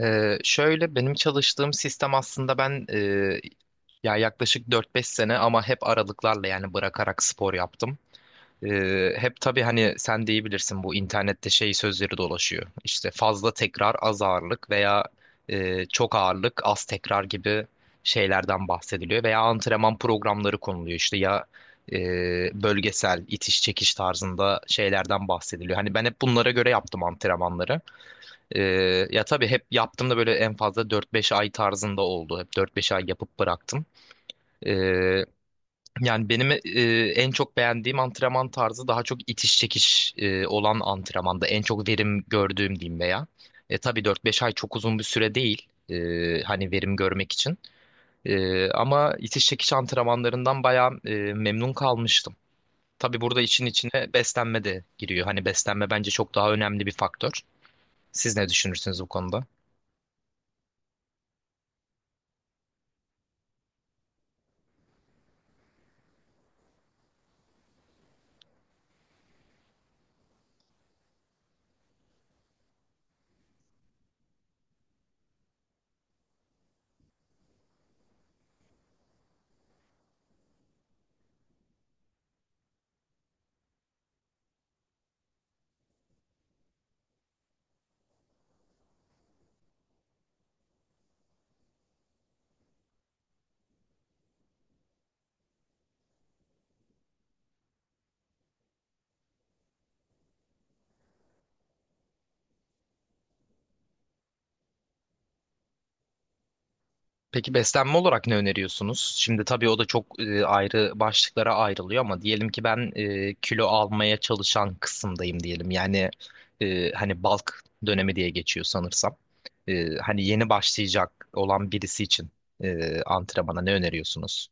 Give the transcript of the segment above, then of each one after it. Şöyle benim çalıştığım sistem aslında ben ya yaklaşık 4-5 sene ama hep aralıklarla yani bırakarak spor yaptım. Hep tabii hani sen de iyi bilirsin bu internette şey sözleri dolaşıyor. İşte fazla tekrar az ağırlık veya çok ağırlık az tekrar gibi şeylerden bahsediliyor. Veya antrenman programları konuluyor işte ya e, bölgesel itiş çekiş tarzında şeylerden bahsediliyor. Hani ben hep bunlara göre yaptım antrenmanları. Ya tabii hep yaptığımda böyle en fazla 4-5 ay tarzında oldu. Hep 4-5 ay yapıp bıraktım. Ee, Yani benim en çok beğendiğim antrenman tarzı daha çok itiş çekiş olan antrenmanda. En çok verim gördüğüm diyeyim veya. Tabii 4-5 ay çok uzun bir süre değil, hani verim görmek için. Ama itiş çekiş antrenmanlarından bayağı memnun kalmıştım. Tabii burada işin içine beslenme de giriyor. Hani beslenme bence çok daha önemli bir faktör. Siz ne düşünürsünüz bu konuda? Peki beslenme olarak ne öneriyorsunuz? Şimdi tabii o da çok ayrı başlıklara ayrılıyor ama diyelim ki ben kilo almaya çalışan kısımdayım diyelim. Yani hani bulk dönemi diye geçiyor sanırsam. Hani yeni başlayacak olan birisi için antrenmana ne öneriyorsunuz?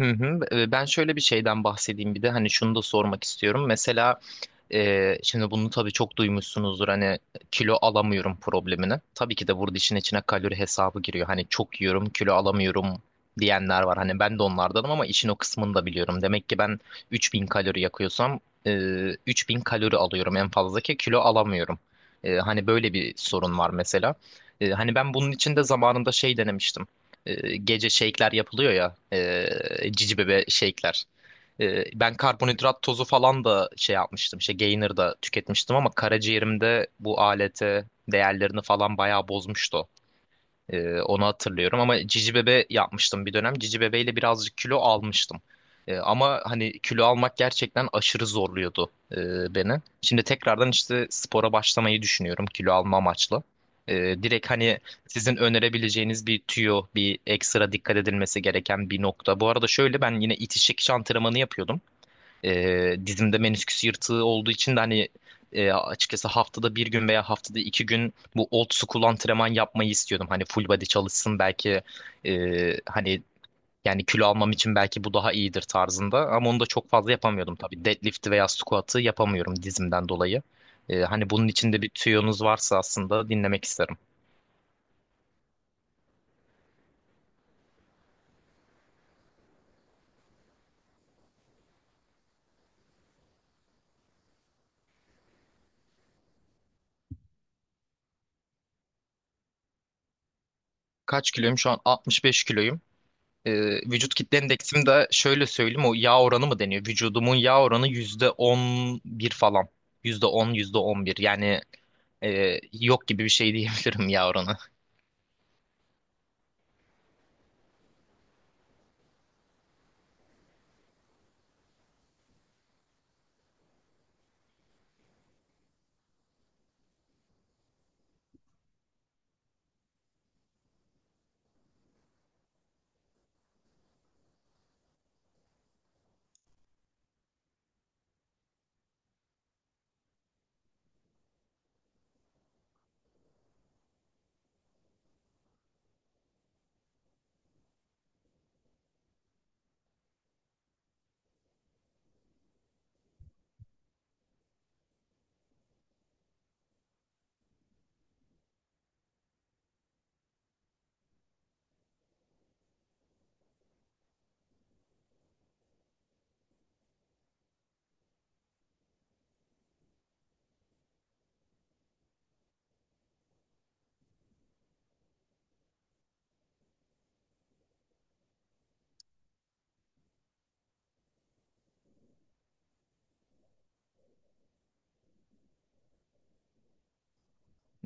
Hı hı. Ben şöyle bir şeyden bahsedeyim, bir de hani şunu da sormak istiyorum. Mesela şimdi bunu tabii çok duymuşsunuzdur hani kilo alamıyorum problemini. Tabii ki de burada işin içine kalori hesabı giriyor. Hani çok yiyorum kilo alamıyorum diyenler var. Hani ben de onlardanım ama işin o kısmını da biliyorum. Demek ki ben 3000 kalori yakıyorsam e, 3000 kalori alıyorum en fazla ki kilo alamıyorum. Hani böyle bir sorun var mesela. Hani ben bunun için de zamanında şey denemiştim, gece shake'ler yapılıyor ya, cici bebe shake'ler. Ben karbonhidrat tozu falan da şey yapmıştım, işte Gainer da tüketmiştim ama karaciğerimde bu alete değerlerini falan bayağı bozmuştu. Onu hatırlıyorum ama Cici Bebe yapmıştım bir dönem. Cici bebeyle birazcık kilo almıştım. Ama hani kilo almak gerçekten aşırı zorluyordu beni. Şimdi tekrardan işte spora başlamayı düşünüyorum kilo alma amaçlı. Direkt hani sizin önerebileceğiniz bir tüyo, bir ekstra dikkat edilmesi gereken bir nokta. Bu arada şöyle, ben yine itiş çekiş antrenmanı yapıyordum. Dizimde menisküs yırtığı olduğu için de hani açıkçası haftada bir gün veya haftada 2 gün bu old school antrenman yapmayı istiyordum. Hani full body çalışsın belki, e, hani yani kilo almam için belki bu daha iyidir tarzında. Ama onu da çok fazla yapamıyordum tabii. Deadlift'i veya squat'ı yapamıyorum dizimden dolayı. Hani bunun içinde bir tüyonuz varsa aslında dinlemek isterim. Kaç kiloyum? Şu an 65 kiloyum. e, Vücut kitle endeksim de şöyle söyleyeyim, o yağ oranı mı deniyor? Vücudumun yağ oranı %11 falan. Yüzde on bir yani yok gibi bir şey diyebilirim yağ oranı.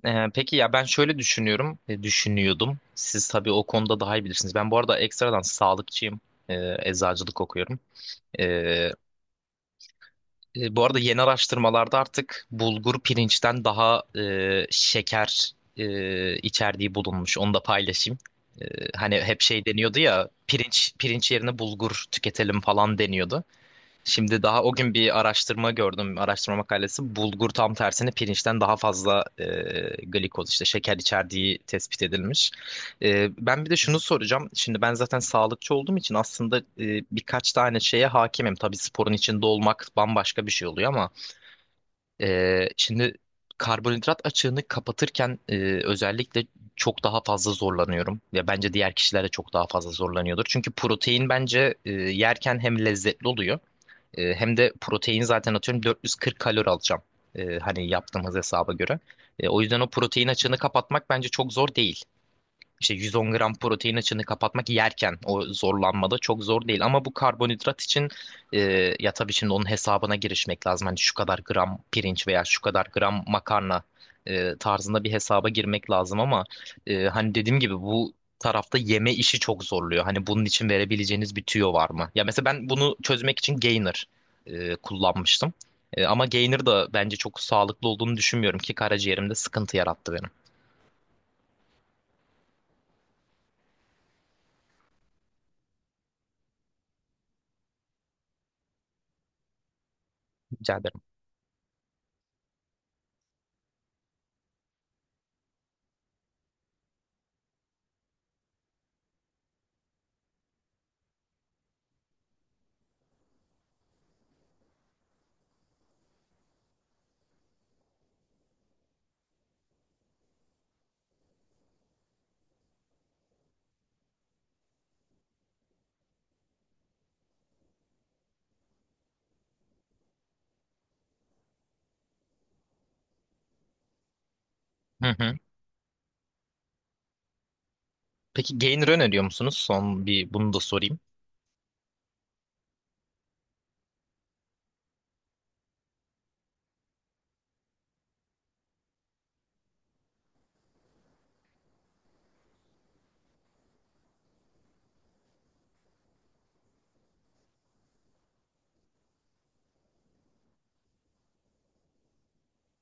Peki ya ben şöyle düşünüyorum, düşünüyordum. Siz tabii o konuda daha iyi bilirsiniz. Ben bu arada ekstradan sağlıkçıyım. Eczacılık okuyorum. E, Bu arada yeni araştırmalarda artık bulgur pirinçten daha şeker içerdiği bulunmuş. Onu da paylaşayım. E, Hani hep şey deniyordu ya, pirinç yerine bulgur tüketelim falan deniyordu. Şimdi daha o gün bir araştırma gördüm, araştırma makalesi. Bulgur tam tersine pirinçten daha fazla glikoz işte şeker içerdiği tespit edilmiş. Ben bir de şunu soracağım. Şimdi ben zaten sağlıkçı olduğum için aslında birkaç tane şeye hakimim. Tabii sporun içinde olmak bambaşka bir şey oluyor ama şimdi karbonhidrat açığını kapatırken özellikle çok daha fazla zorlanıyorum. Ya bence diğer kişiler de çok daha fazla zorlanıyordur. Çünkü protein bence yerken hem lezzetli oluyor. Hem de protein zaten atıyorum 440 kalori alacağım, hani yaptığımız hesaba göre. O yüzden o protein açığını kapatmak bence çok zor değil, işte 110 gram protein açığını kapatmak yerken o zorlanmada çok zor değil. Ama bu karbonhidrat için e, ya tabii şimdi onun hesabına girişmek lazım. Hani şu kadar gram pirinç veya şu kadar gram makarna tarzında bir hesaba girmek lazım ama hani dediğim gibi bu tarafta yeme işi çok zorluyor. Hani bunun için verebileceğiniz bir tüyo var mı? Ya mesela ben bunu çözmek için gainer kullanmıştım. Ama gainer da bence çok sağlıklı olduğunu düşünmüyorum ki karaciğerimde sıkıntı yarattı benim. Rica ederim. Hı hı. Peki Gainer öneriyor musunuz? Son bir bunu da sorayım.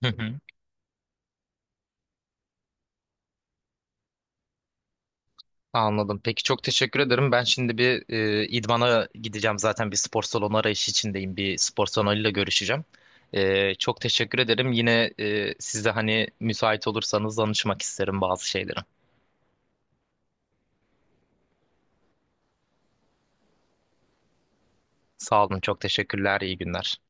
Hı hı. Anladım. Peki çok teşekkür ederim. Ben şimdi bir idmana gideceğim. Zaten bir spor salonu arayışı içindeyim. Bir spor salonuyla görüşeceğim. Çok teşekkür ederim. Yine siz de hani müsait olursanız danışmak isterim bazı şeylere. Sağ olun. Çok teşekkürler. İyi günler.